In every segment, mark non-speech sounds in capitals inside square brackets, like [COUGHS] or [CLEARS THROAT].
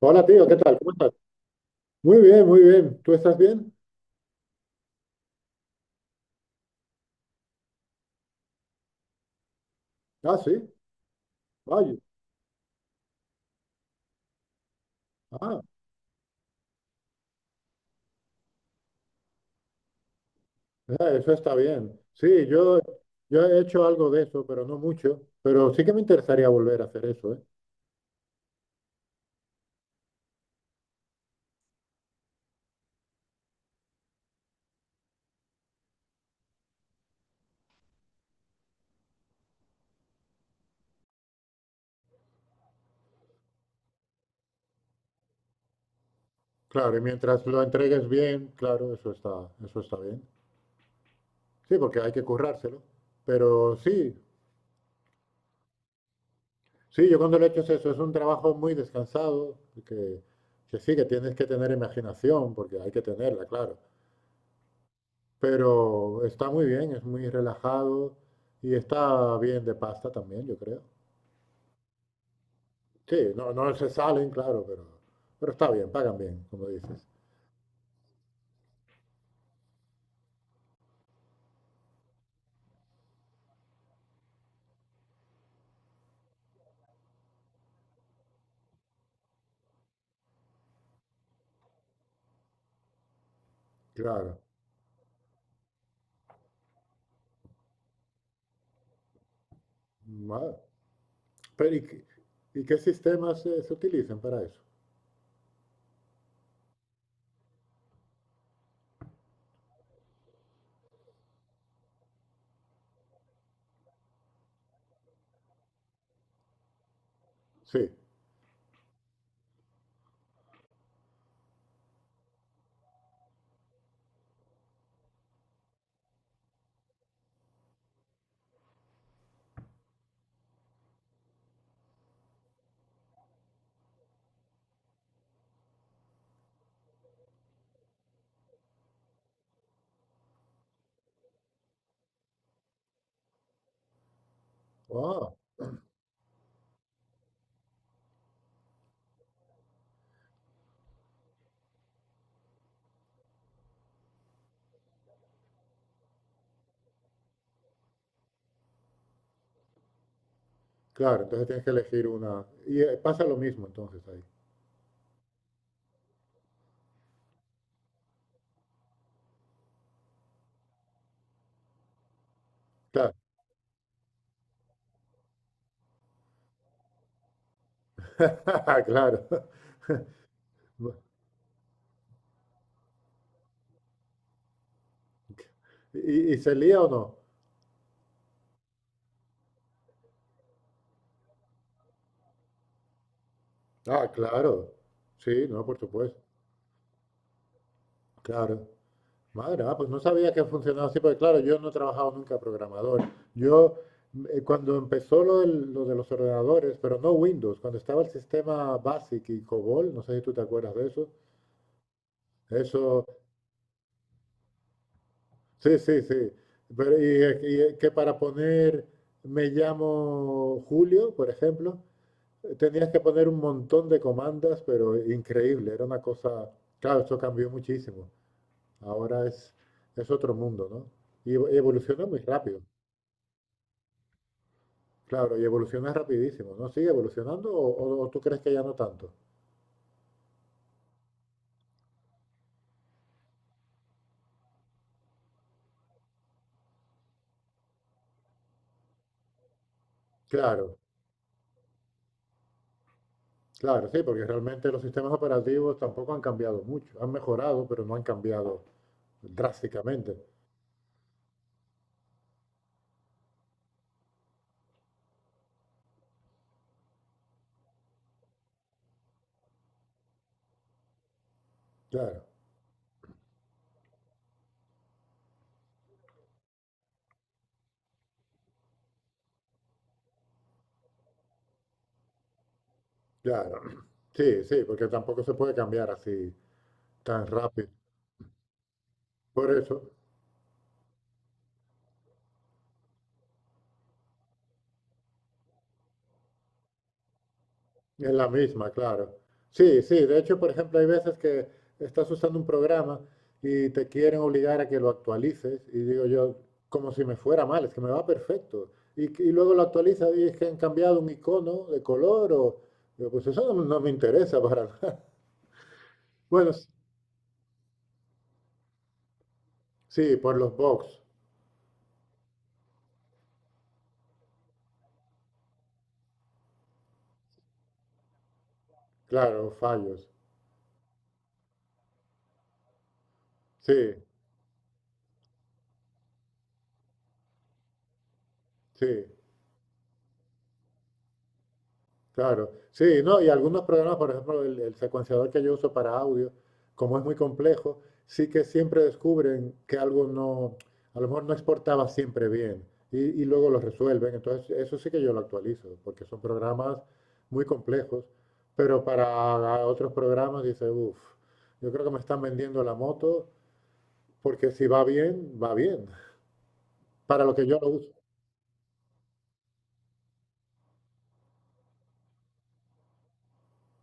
Hola tío, ¿qué tal? ¿Cómo estás? Muy bien, muy bien. ¿Tú estás bien? Ah, sí. Vaya. Ah, eso está bien. Sí, yo he hecho algo de eso, pero no mucho. Pero sí que me interesaría volver a hacer eso, ¿eh? Claro, y mientras lo entregues bien, claro, eso está bien. Sí, porque hay que currárselo. Pero sí, sí, yo cuando lo he hecho es eso, es un trabajo muy descansado, que, que sí, que tienes que tener imaginación, porque hay que tenerla, claro. Pero está muy bien, es muy relajado y está bien de pasta también, yo creo. Sí, no, no se salen, claro, pero está bien, pagan bien, como dices. Claro. Ma- Pero y qué sistemas se utilizan para eso? Sí. Ah, claro, entonces tienes que elegir una. Y pasa lo mismo entonces ahí. Claro, [LAUGHS] claro. ¿Y se lía o no? Ah, claro. Sí, no, por supuesto. Claro. Madre, ah, pues no sabía que funcionaba así, porque claro, yo no he trabajado nunca programador. Yo, cuando empezó lo de los ordenadores, pero no Windows, cuando estaba el sistema BASIC y COBOL, no sé si tú te acuerdas de eso, sí, sí, sí, pero y, que para poner me llamo Julio, por ejemplo, tenías que poner un montón de comandas, pero increíble, era una cosa, claro, esto cambió muchísimo. Ahora es otro mundo, ¿no? Y evoluciona muy rápido. Claro, y evoluciona rapidísimo, ¿no? ¿Sigue evolucionando o, tú crees que ya no tanto? Claro, claro, sí, porque realmente los sistemas operativos tampoco han cambiado mucho. Han mejorado, pero no han cambiado drásticamente. Claro, claro. [CLEARS THROAT] Sí, sí, porque tampoco se puede cambiar así tan rápido. Por eso. Es la misma, claro. Sí, sí, de hecho, por ejemplo, hay veces que estás usando un programa y te quieren obligar a que lo actualices y digo yo, como si me fuera mal, es que me va perfecto. Y, y luego lo actualiza y es que han cambiado un icono de color o... Digo, pues eso no, no me interesa para nada. [LAUGHS] Bueno, sí, por los bugs, claro, fallos. Sí, sí. Claro, sí, no, y algunos programas, por ejemplo, el secuenciador que yo uso para audio, como es muy complejo, sí que siempre descubren que algo no, a lo mejor no exportaba siempre bien y luego lo resuelven. Entonces, eso sí que yo lo actualizo, porque son programas muy complejos, pero para otros programas dice, uff, yo creo que me están vendiendo la moto porque si va bien, va bien, para lo que yo lo uso.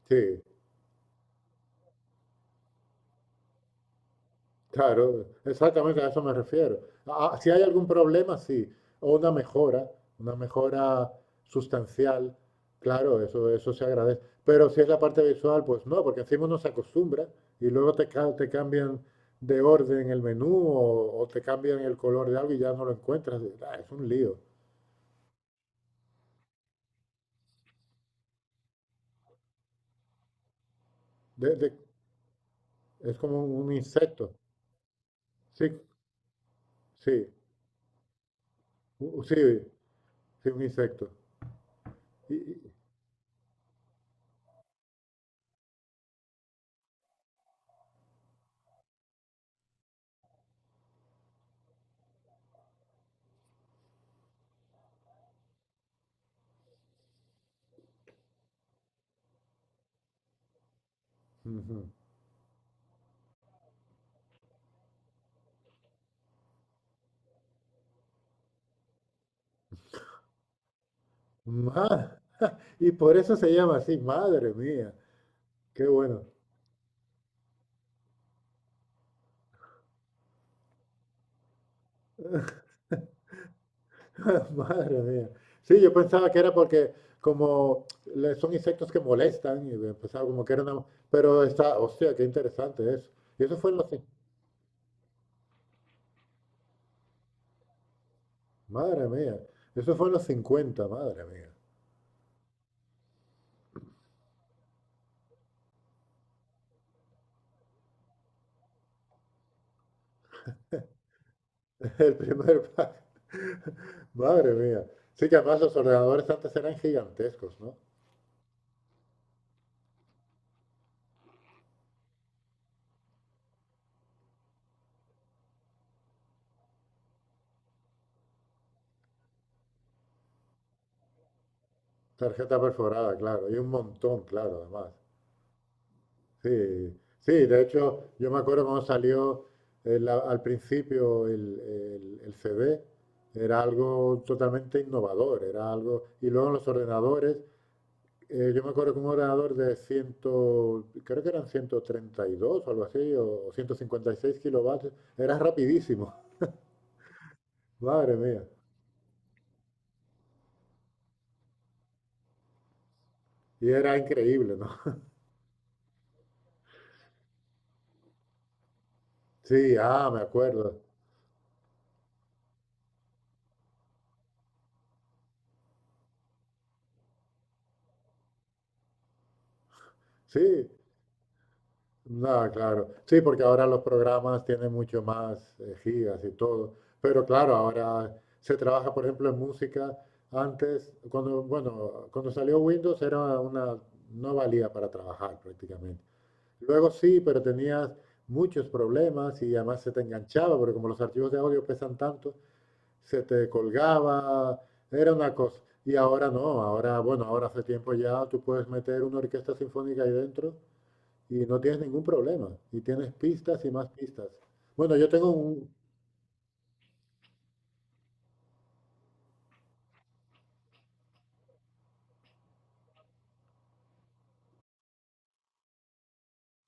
Sí, claro, exactamente a eso me refiero. Ah, ah, si hay algún problema, sí, o una mejora sustancial, claro, eso se agradece. Pero si es la parte visual, pues no, porque encima uno se acostumbra y luego te cambian de orden el menú o, te cambian el color de algo y ya no lo encuentras. Ah, es un lío. De- de- es como un, insecto. Sí, sí, sí, sí, un insecto. Y- y- Ujú. Ah. Y por eso se llama así, madre mía, qué bueno, [LAUGHS] madre mía. Sí, yo pensaba que era porque como son insectos que molestan y pensaba como que era una... Pero está, hostia, qué interesante eso. Y eso fue en los... Madre mía, eso fue en los cincuenta, madre mía. [LAUGHS] El primer pack, [LAUGHS] madre mía. Sí que además los ordenadores antes eran gigantescos, ¿no? Tarjeta perforada, claro, y un montón, claro, además. Sí, sí, de hecho, yo me acuerdo cuando salió al principio el CD, era algo totalmente innovador, era algo, y luego en los ordenadores, yo me acuerdo que un ordenador de 100, creo que eran 132 o algo así, o 156 kilovatios, era rapidísimo, [LAUGHS] madre mía, y era increíble, ¿no? [LAUGHS] Sí, ah, me acuerdo, sí. No, claro. Sí, porque ahora los programas tienen mucho más gigas y todo. Pero claro, ahora se trabaja, por ejemplo, en música. Antes, cuando, bueno, cuando salió Windows era una, no valía para trabajar prácticamente. Luego sí, pero tenías muchos problemas y además se te enganchaba, porque como los archivos de audio pesan tanto, se te colgaba, era una cosa. Y ahora no, ahora, bueno, ahora hace tiempo ya tú puedes meter una orquesta sinfónica ahí dentro y no tienes ningún problema. Y tienes pistas y más pistas. Bueno, yo tengo un...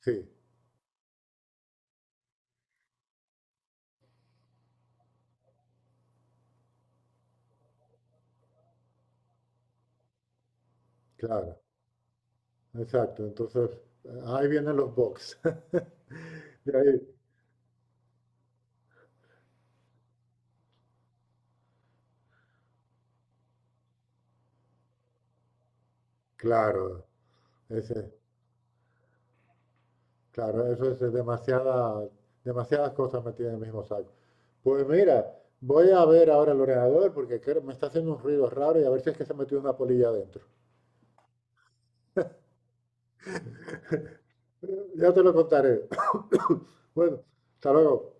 Sí, claro, exacto. Entonces, ahí vienen los box. [LAUGHS] De ahí, claro, ese, claro, eso es demasiada, demasiadas cosas metidas en el mismo saco. Pues mira, voy a ver ahora el ordenador porque me está haciendo un ruido raro y a ver si es que se metió una polilla adentro. Eh, Ya te lo contaré. [COUGHS] Bueno, hasta luego.